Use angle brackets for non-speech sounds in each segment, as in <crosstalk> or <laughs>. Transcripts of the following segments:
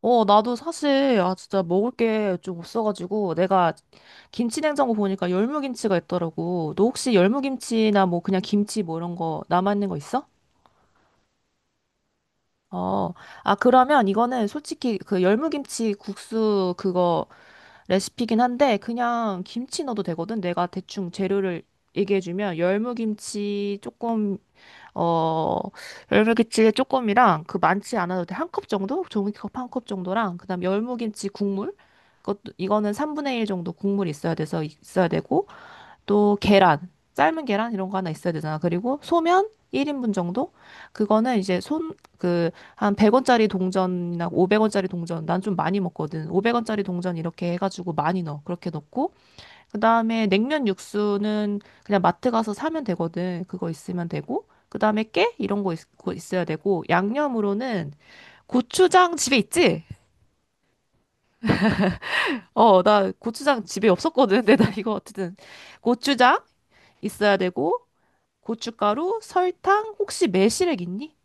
어, 나도 사실, 아, 진짜 먹을 게 좀 없어가지고, 내가 김치냉장고 보니까 열무김치가 있더라고. 너 혹시 열무김치나 뭐 그냥 김치 뭐 이런 거 남아있는 거 있어? 어, 아, 그러면 이거는 솔직히 그 열무김치 국수 그거 레시피긴 한데, 그냥 김치 넣어도 되거든? 내가 대충 재료를 얘기해주면, 열무김치 조금 어, 열무김치 조금이랑 그 많지 않아도 돼. 한 컵 정도? 종이컵 한 컵 정도랑 그다음 열무김치 국물 그것도 이거는 3분의 1 정도 국물이 있어야 돼서 있어야 되고 또 계란, 삶은 계란 이런 거 하나 있어야 되잖아. 그리고 소면 1인분 정도? 그거는 이제 손 그 한 100원짜리 동전이나 500원짜리 동전 난 좀 많이 먹거든. 500원짜리 동전 이렇게 해 가지고 많이 넣어. 그렇게 넣고 그다음에 냉면 육수는 그냥 마트 가서 사면 되거든. 그거 있으면 되고. 그다음에 깨 이런 거 거 있어야 되고 양념으로는 고추장 집에 있지? 어, 나 고추장 집에 없었거든. 근데 나 이거 어쨌든 고추장 있어야 되고 고춧가루, 설탕, 혹시 매실액 있니?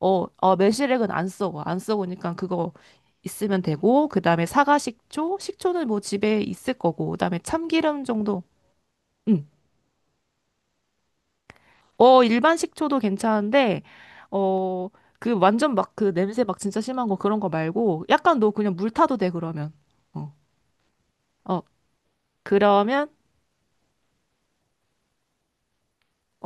어, 어, 매실액은 안 써고 안 써보니까 그거 있으면 되고 그다음에 사과 식초, 식초는 뭐 집에 있을 거고 그다음에 참기름 정도. 응. 어, 일반 식초도 괜찮은데, 어, 그 완전 막 그 냄새 막 진짜 심한 거 그런 거 말고, 약간 너 그냥 물 타도 돼, 그러면. 어, 어, 그러면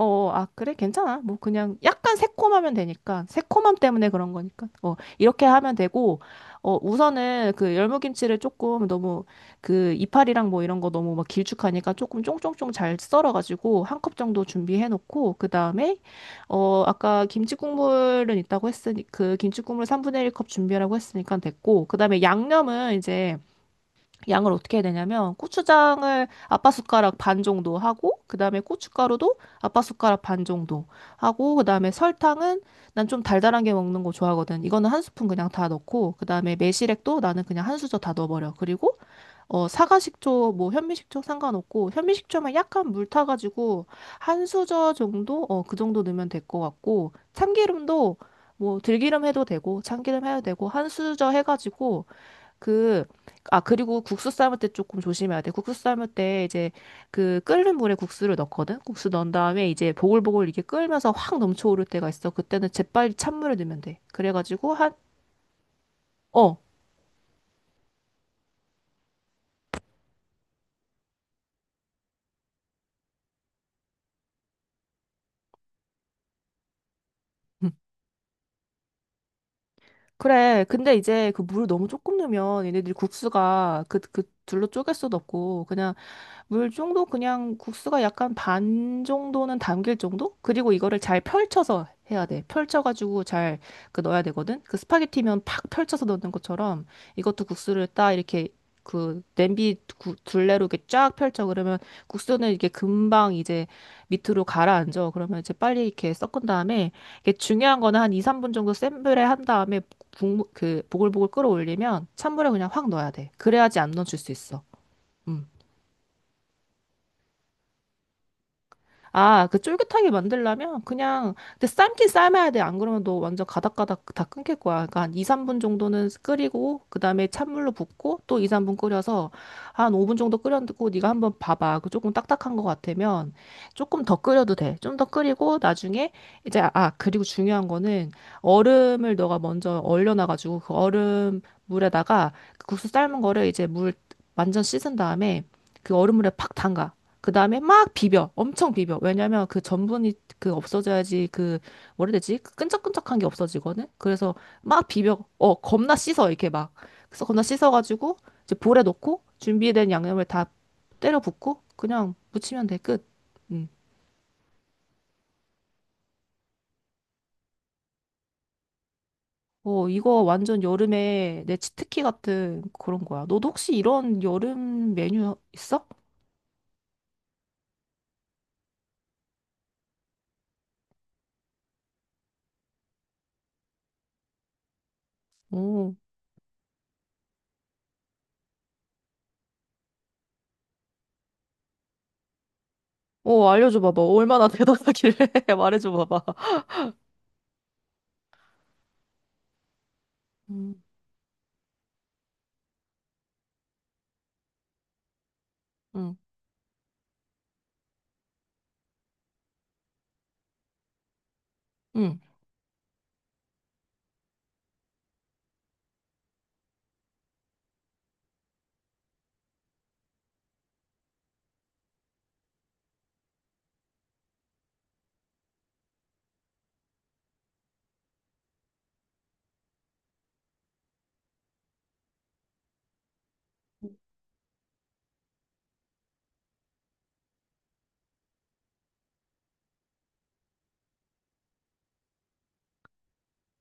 어, 아, 그래? 괜찮아. 뭐, 그냥 약간 새콤하면 되니까. 새콤함 때문에 그런 거니까. 어, 이렇게 하면 되고, 어, 우선은 그 열무김치를 조금 너무 그 이파리랑 뭐 이런 거 너무 막 길쭉하니까 조금 쫑쫑쫑 잘 썰어가지고 한 컵 정도 준비해놓고, 그 다음에, 어, 아까 김치 국물은 있다고 했으니, 그 김치 국물 3분의 1컵 준비하라고 했으니까 됐고, 그 다음에 양념은 이제 양을 어떻게 해야 되냐면 고추장을 아빠 숟가락 반 정도 하고 그다음에 고춧가루도 아빠 숟가락 반 정도 하고 그다음에 설탕은 난 좀 달달한 게 먹는 거 좋아하거든. 이거는 한 스푼 그냥 다 넣고 그다음에 매실액도 나는 그냥 한 수저 다 넣어버려. 그리고 어 사과식초 뭐 현미식초 상관없고 현미식초만 약간 물 타가지고 한 수저 정도 어 그 정도 넣으면 될 것 같고 참기름도 뭐 들기름 해도 되고 참기름 해도 되고 한 수저 해가지고 그, 아, 그리고 국수 삶을 때 조금 조심해야 돼. 국수 삶을 때 이제 그 끓는 물에 국수를 넣거든? 국수 넣은 다음에 이제 보글보글 이게 끓면서 확 넘쳐오를 때가 있어. 그때는 재빨리 찬물을 넣으면 돼. 그래가지고 한, 어. 음. 그래. 근데 이제 그 물을 너무 조금 넣으면 얘네들이 국수가 그, 그 둘로 쪼갤 수도 없고 그냥 물 정도 그냥 국수가 약간 반 정도는 담길 정도? 그리고 이거를 잘 펼쳐서 해야 돼. 펼쳐가지고 잘 그 넣어야 되거든. 그 스파게티면 팍 펼쳐서 넣는 것처럼 이것도 국수를 딱 이렇게 그 냄비 둘레로 이렇게 쫙 펼쳐 그러면 국수는 이게 금방 이제 밑으로 가라앉아. 그러면 이제 빨리 이렇게 섞은 다음에 이게 중요한 거는 한 2, 3분 정도 센 불에 한 다음에 국물 그 보글보글 끓어올리면 찬물에 그냥 확 넣어야 돼. 그래야지 안 넣어줄 수 있어. 음. 아, 그 쫄깃하게 만들려면 그냥 근데 삶긴 삶아야 돼. 안 그러면 너 완전 가닥가닥 다 끊길 거야. 그러니까 한 2, 3분 정도는 끓이고 그다음에 찬물로 붓고 또 2, 3분 끓여서 한 5분 정도 끓였고 네가 한번 봐봐. 그 조금 딱딱한 것 같으면 조금 더 끓여도 돼. 좀 더 끓이고 나중에 이제 아, 그리고 중요한 거는 얼음을 너가 먼저 얼려놔 가지고 그 얼음 물에다가 그 국수 삶은 거를 이제 물 완전 씻은 다음에 그 얼음물에 팍 담가. 그 다음에 막 비벼. 엄청 비벼. 왜냐면 그 전분이 그 없어져야지 그, 뭐라 해야 되지? 그 끈적끈적한 게 없어지거든? 그래서 막 비벼. 어, 겁나 씻어. 이렇게 막. 그래서 겁나 씻어가지고 이제 볼에 넣고 준비된 양념을 다 때려 붓고 그냥 무치면 돼. 끝. 음. 어, 이거 완전 여름에 내 치트키 같은 그런 거야. 너도 혹시 이런 여름 메뉴 있어? 오, 어, 알려줘 봐봐. 얼마나 대단하길래 <laughs> 말해줘 봐봐. 음, 음, 음.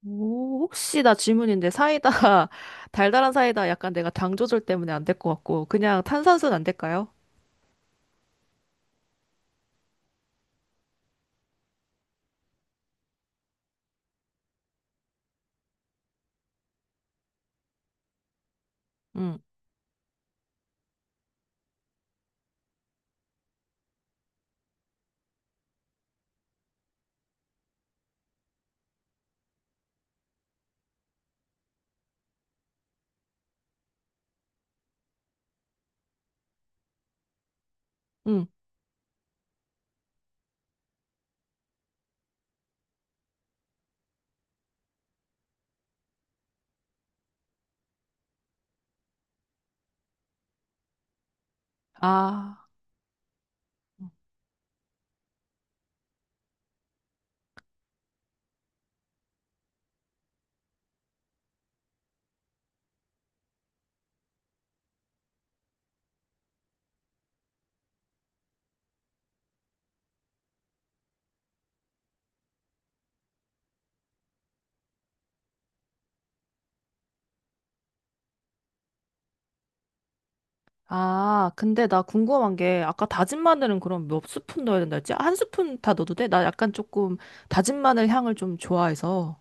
오, 혹시 나 질문인데 사이다, <laughs> 달달한 사이다 약간 내가 당 조절 때문에 안될 것 같고, 그냥 탄산수는 안 될까요? 응, 응. 아, 아, 근데 나 궁금한 게, 아까 다진 마늘은 그럼 몇 스푼 넣어야 된다 했지? 한 스푼 다 넣어도 돼? 나 약간 조금 다진 마늘 향을 좀 좋아해서.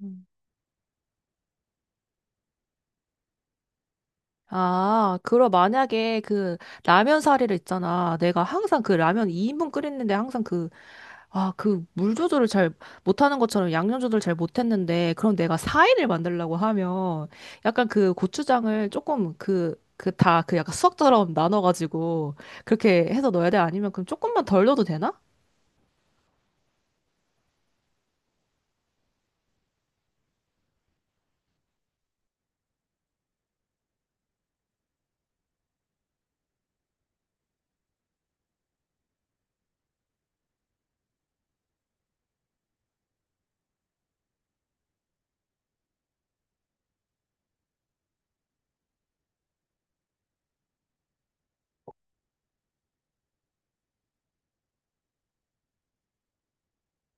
음. 아, 그럼 만약에 그 라면 사리를 있잖아. 내가 항상 그 라면 2인분 끓였는데 항상 그 아, 그 물 조절을 잘 못하는 것처럼 양념 조절 잘 못했는데, 그럼 내가 사이를 만들려고 하면, 약간 그 고추장을 조금 그, 그 다 그 약간 수학처럼 나눠가지고, 그렇게 해서 넣어야 돼? 아니면 그럼 조금만 덜 넣어도 되나?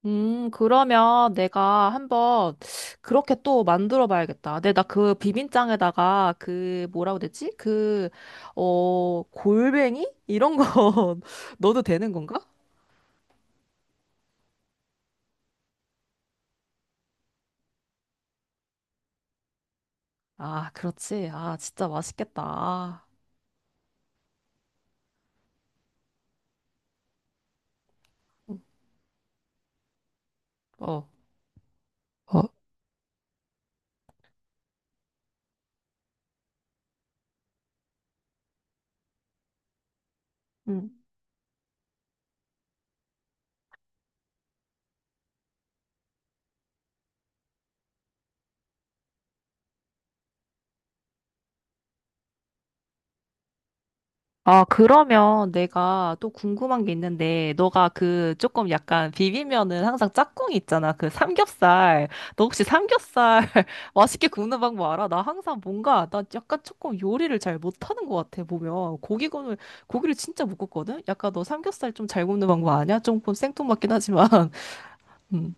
그러면 내가 한번 그렇게 또 만들어 봐야겠다. 근데 나 그 비빔장에다가 그 뭐라고 되지? 그, 어, 골뱅이? 이런 거 <laughs> 넣어도 되는 건가? 아, 그렇지. 아, 진짜 맛있겠다. 아. 어, 어. 음. 아, 그러면 내가 또 궁금한 게 있는데, 너가 그 조금 약간 비비면은 항상 짝꿍이 있잖아. 그 삼겹살. 너 혹시 삼겹살 <laughs> 맛있게 굽는 방법 알아? 나 항상 뭔가, 나 약간 조금 요리를 잘 못하는 것 같아, 보면. 고기 굽는, 고기를 진짜 못 굽거든? 약간 너 삼겹살 좀 잘 굽는 방법 아냐? 조금 생뚱맞긴 하지만. <laughs> 음.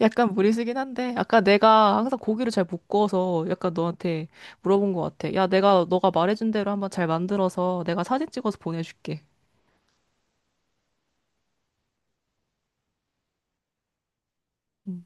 약간 무리수긴 한데, 아까 내가 항상 고기를 잘 못 구워서 약간 너한테 물어본 것 같아. 야, 내가 너가 말해준 대로 한번 잘 만들어서 내가 사진 찍어서 보내줄게. 음.